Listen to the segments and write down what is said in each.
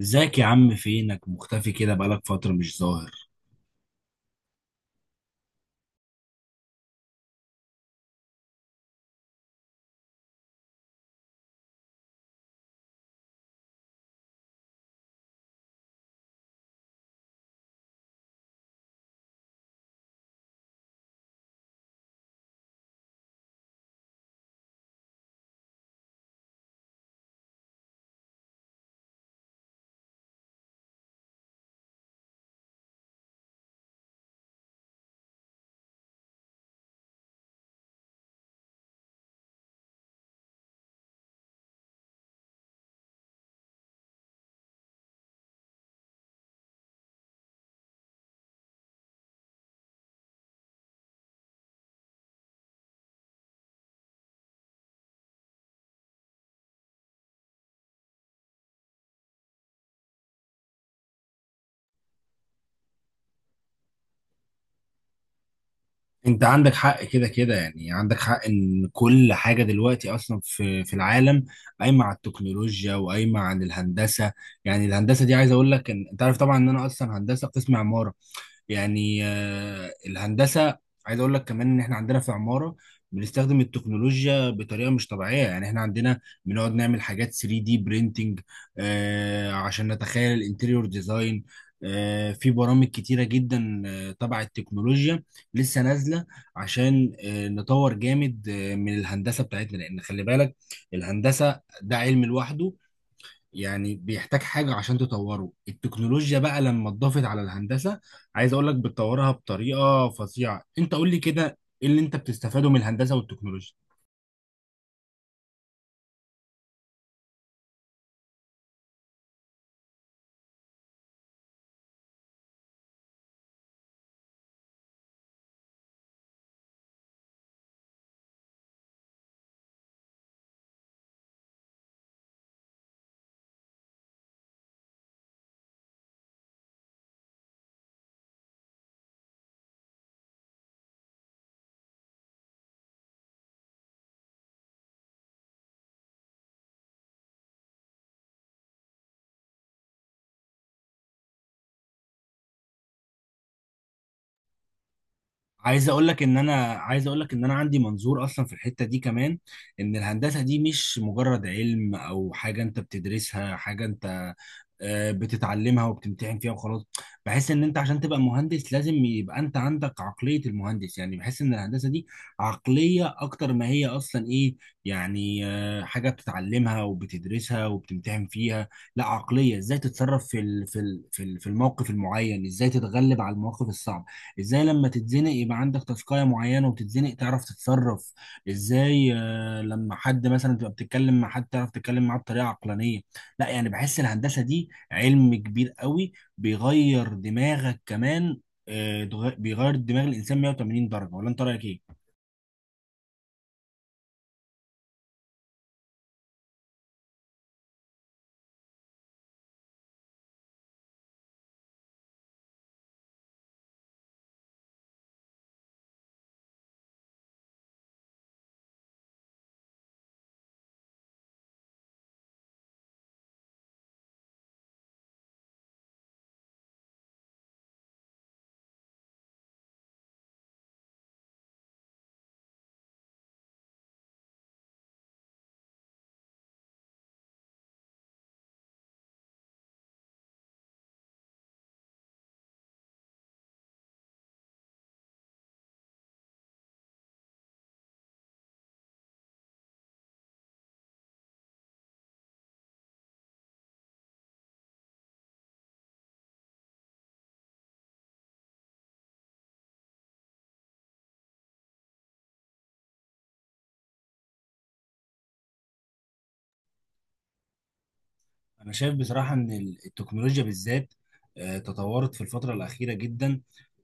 ازيك يا عم؟ فينك مختفي كده، بقالك فترة مش ظاهر. انت عندك حق، كده كده يعني عندك حق ان كل حاجة دلوقتي اصلا في العالم قايمة على التكنولوجيا وقايمة على الهندسة. يعني الهندسة دي، عايز اقول لك ان انت عارف طبعا ان انا اصلا هندسة قسم عمارة. يعني الهندسه، عايز اقول لك كمان ان احنا عندنا في عماره بنستخدم التكنولوجيا بطريقه مش طبيعيه. يعني احنا عندنا بنقعد نعمل حاجات 3 دي برينتنج عشان نتخيل الانتيريور ديزاين. في برامج كتيره جدا تبع التكنولوجيا لسه نازله، عشان نطور جامد من الهندسه بتاعتنا. لان خلي بالك، الهندسه ده علم لوحده، يعني بيحتاج حاجة عشان تطوره. التكنولوجيا بقى لما اتضافت على الهندسة، عايز اقول لك بتطورها بطريقة فظيعة. انت قول لي كده، ايه اللي انت بتستفاده من الهندسة والتكنولوجيا؟ عايز اقول لك ان انا، عايز اقول لك ان انا عندي منظور اصلا في الحته دي كمان. ان الهندسه دي مش مجرد علم او حاجه انت بتدرسها، حاجه انت بتتعلمها وبتمتحن فيها وخلاص. بحس ان انت عشان تبقى مهندس لازم يبقى انت عندك عقليه المهندس. يعني بحس ان الهندسه دي عقليه اكتر ما هي اصلا ايه، يعني حاجه بتتعلمها وبتدرسها وبتمتحن فيها. لا، عقليه ازاي تتصرف في الموقف المعين، ازاي تتغلب على المواقف الصعبه، ازاي لما تتزنق يبقى عندك تاسكاية معينة وتتزنق تعرف تتصرف ازاي، لما حد مثلا تبقى بتتكلم مع حد تعرف تتكلم معاه بطريقة عقلانية. لا، يعني بحس الهندسة دي علم كبير قوي، بيغير دماغك كمان. بيغير دماغ الإنسان 180 درجة، ولا انت رأيك ايه؟ أنا شايف بصراحة إن التكنولوجيا بالذات تطورت في الفترة الأخيرة جدا،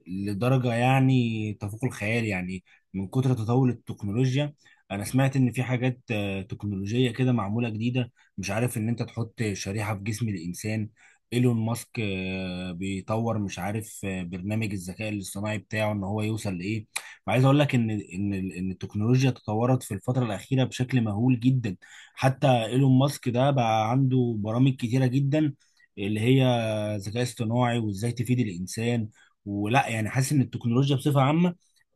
لدرجة يعني تفوق الخيال. يعني من كتر تطور التكنولوجيا، أنا سمعت إن في حاجات تكنولوجية كده معمولة جديدة، مش عارف، إن أنت تحط شريحة في جسم الإنسان. إيلون ماسك بيطور، مش عارف، برنامج الذكاء الاصطناعي بتاعه إن هو يوصل لإيه. فعايز أقول لك إن إن التكنولوجيا تطورت في الفترة الأخيرة بشكل مهول جدا. حتى ايلون ماسك ده بقى عنده برامج كتيرة جدا اللي هي ذكاء اصطناعي وازاي تفيد الانسان. ولا يعني، حاسس ان التكنولوجيا بصفة عامة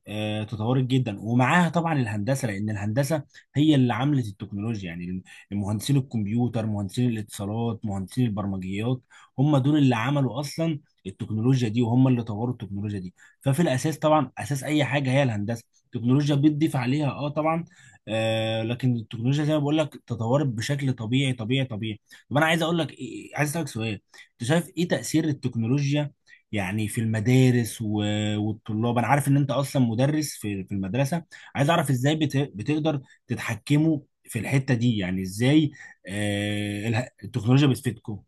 تطورت جدا، ومعاها طبعا الهندسه، لان الهندسه هي اللي عملت التكنولوجيا. يعني مهندسين الكمبيوتر، مهندسين الاتصالات، مهندسين البرمجيات، هم دول اللي عملوا اصلا التكنولوجيا دي، وهم اللي طوروا التكنولوجيا دي. ففي الاساس طبعا اساس اي حاجه هي الهندسه، التكنولوجيا بتضيف عليها اه طبعا. آه، لكن التكنولوجيا زي ما بقول لك تطورت بشكل طبيعي طبيعي طبيعي. طب انا عايز اقول لك عايز اسالك سؤال، انت شايف ايه تاثير التكنولوجيا يعني في المدارس و... والطلاب؟ انا عارف ان انت اصلا مدرس في المدرسه، عايز اعرف ازاي بتقدر تتحكموا في الحته دي، يعني ازاي التكنولوجيا بتفيدكم؟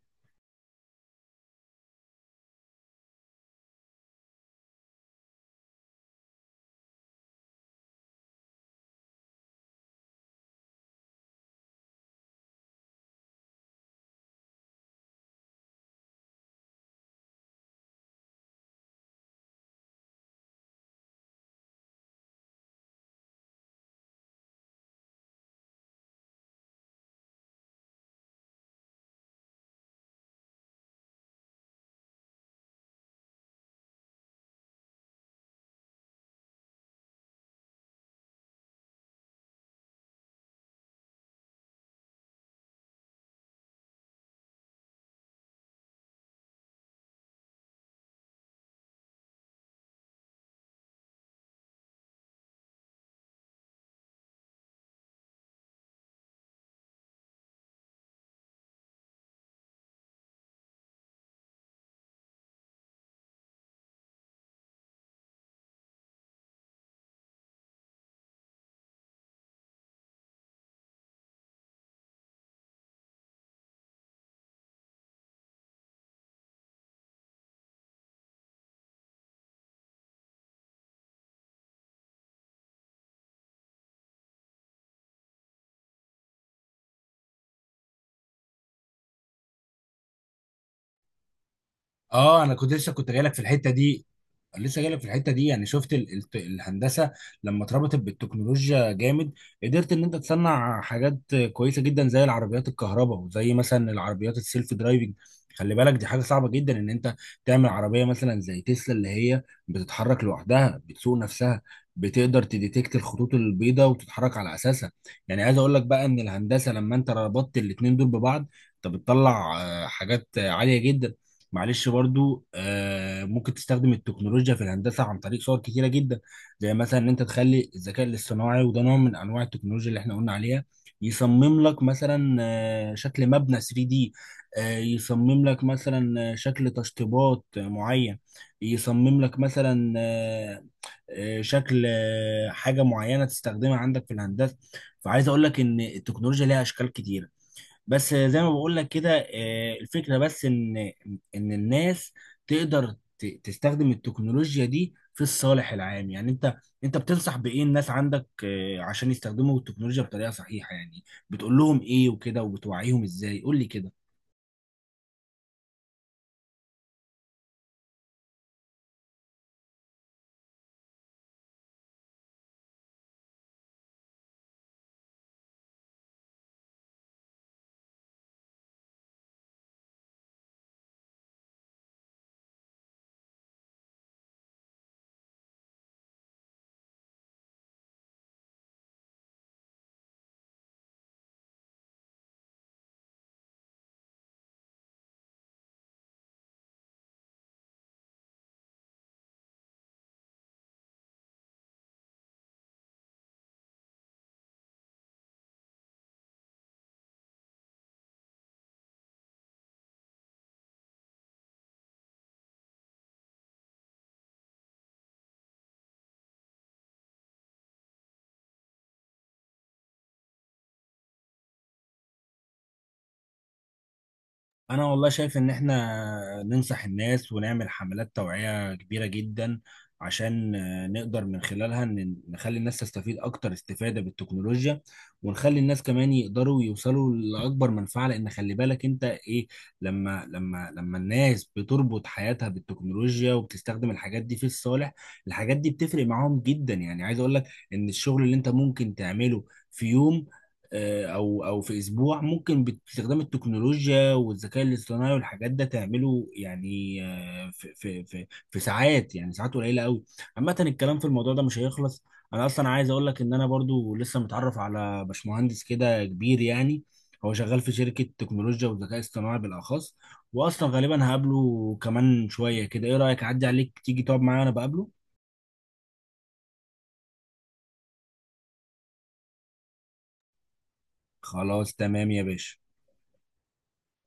اه انا كنت لسه كنت جايلك في الحته دي، لسه جايلك في الحته دي. يعني شفت الهندسه لما اتربطت بالتكنولوجيا جامد، قدرت ان انت تصنع حاجات كويسه جدا زي العربيات الكهرباء، وزي مثلا العربيات السيلف درايفنج. خلي بالك دي حاجه صعبه جدا ان انت تعمل عربيه مثلا زي تسلا اللي هي بتتحرك لوحدها، بتسوق نفسها، بتقدر تديتكت الخطوط البيضاء وتتحرك على اساسها. يعني عايز اقول لك بقى ان الهندسه لما انت ربطت الاتنين دول ببعض، انت بتطلع حاجات عاليه جدا. معلش، برضو ممكن تستخدم التكنولوجيا في الهندسة عن طريق صور كتيرة جدا. زي مثلا ان انت تخلي الذكاء الاصطناعي، وده نوع من انواع التكنولوجيا اللي احنا قلنا عليها، يصمم لك مثلا شكل مبنى 3D، يصمم لك مثلا شكل تشطيبات معين، يصمم لك مثلا شكل حاجة معينة تستخدمها عندك في الهندسة. فعايز اقول لك ان التكنولوجيا ليها اشكال كتيرة. بس زي ما بقول لك كده، الفكرة بس ان الناس تقدر تستخدم التكنولوجيا دي في الصالح العام. يعني انت، انت بتنصح بايه الناس عندك عشان يستخدموا التكنولوجيا بطريقة صحيحة؟ يعني بتقول لهم ايه وكده، وبتوعيهم ازاي؟ قول لي كده. انا والله شايف ان احنا ننصح الناس ونعمل حملات توعية كبيرة جدا، عشان نقدر من خلالها نخلي الناس تستفيد اكتر استفادة بالتكنولوجيا، ونخلي الناس كمان يقدروا يوصلوا لاكبر منفعة. لان خلي بالك انت ايه، لما لما الناس بتربط حياتها بالتكنولوجيا وبتستخدم الحاجات دي في الصالح، الحاجات دي بتفرق معاهم جدا. يعني عايز اقول لك ان الشغل اللي انت ممكن تعمله في يوم او في اسبوع، ممكن باستخدام التكنولوجيا والذكاء الاصطناعي والحاجات ده تعمله يعني في ساعات، يعني ساعات قليله قوي. عامه الكلام في الموضوع ده مش هيخلص. انا اصلا عايز اقول لك ان انا برضو لسه متعرف على باشمهندس كده كبير يعني، هو شغال في شركه تكنولوجيا والذكاء الاصطناعي بالاخص. واصلا غالبا هقابله كمان شويه كده، ايه رايك اعدي عليك تيجي تقعد معايا وانا بقابله؟ خلاص تمام يا باشا.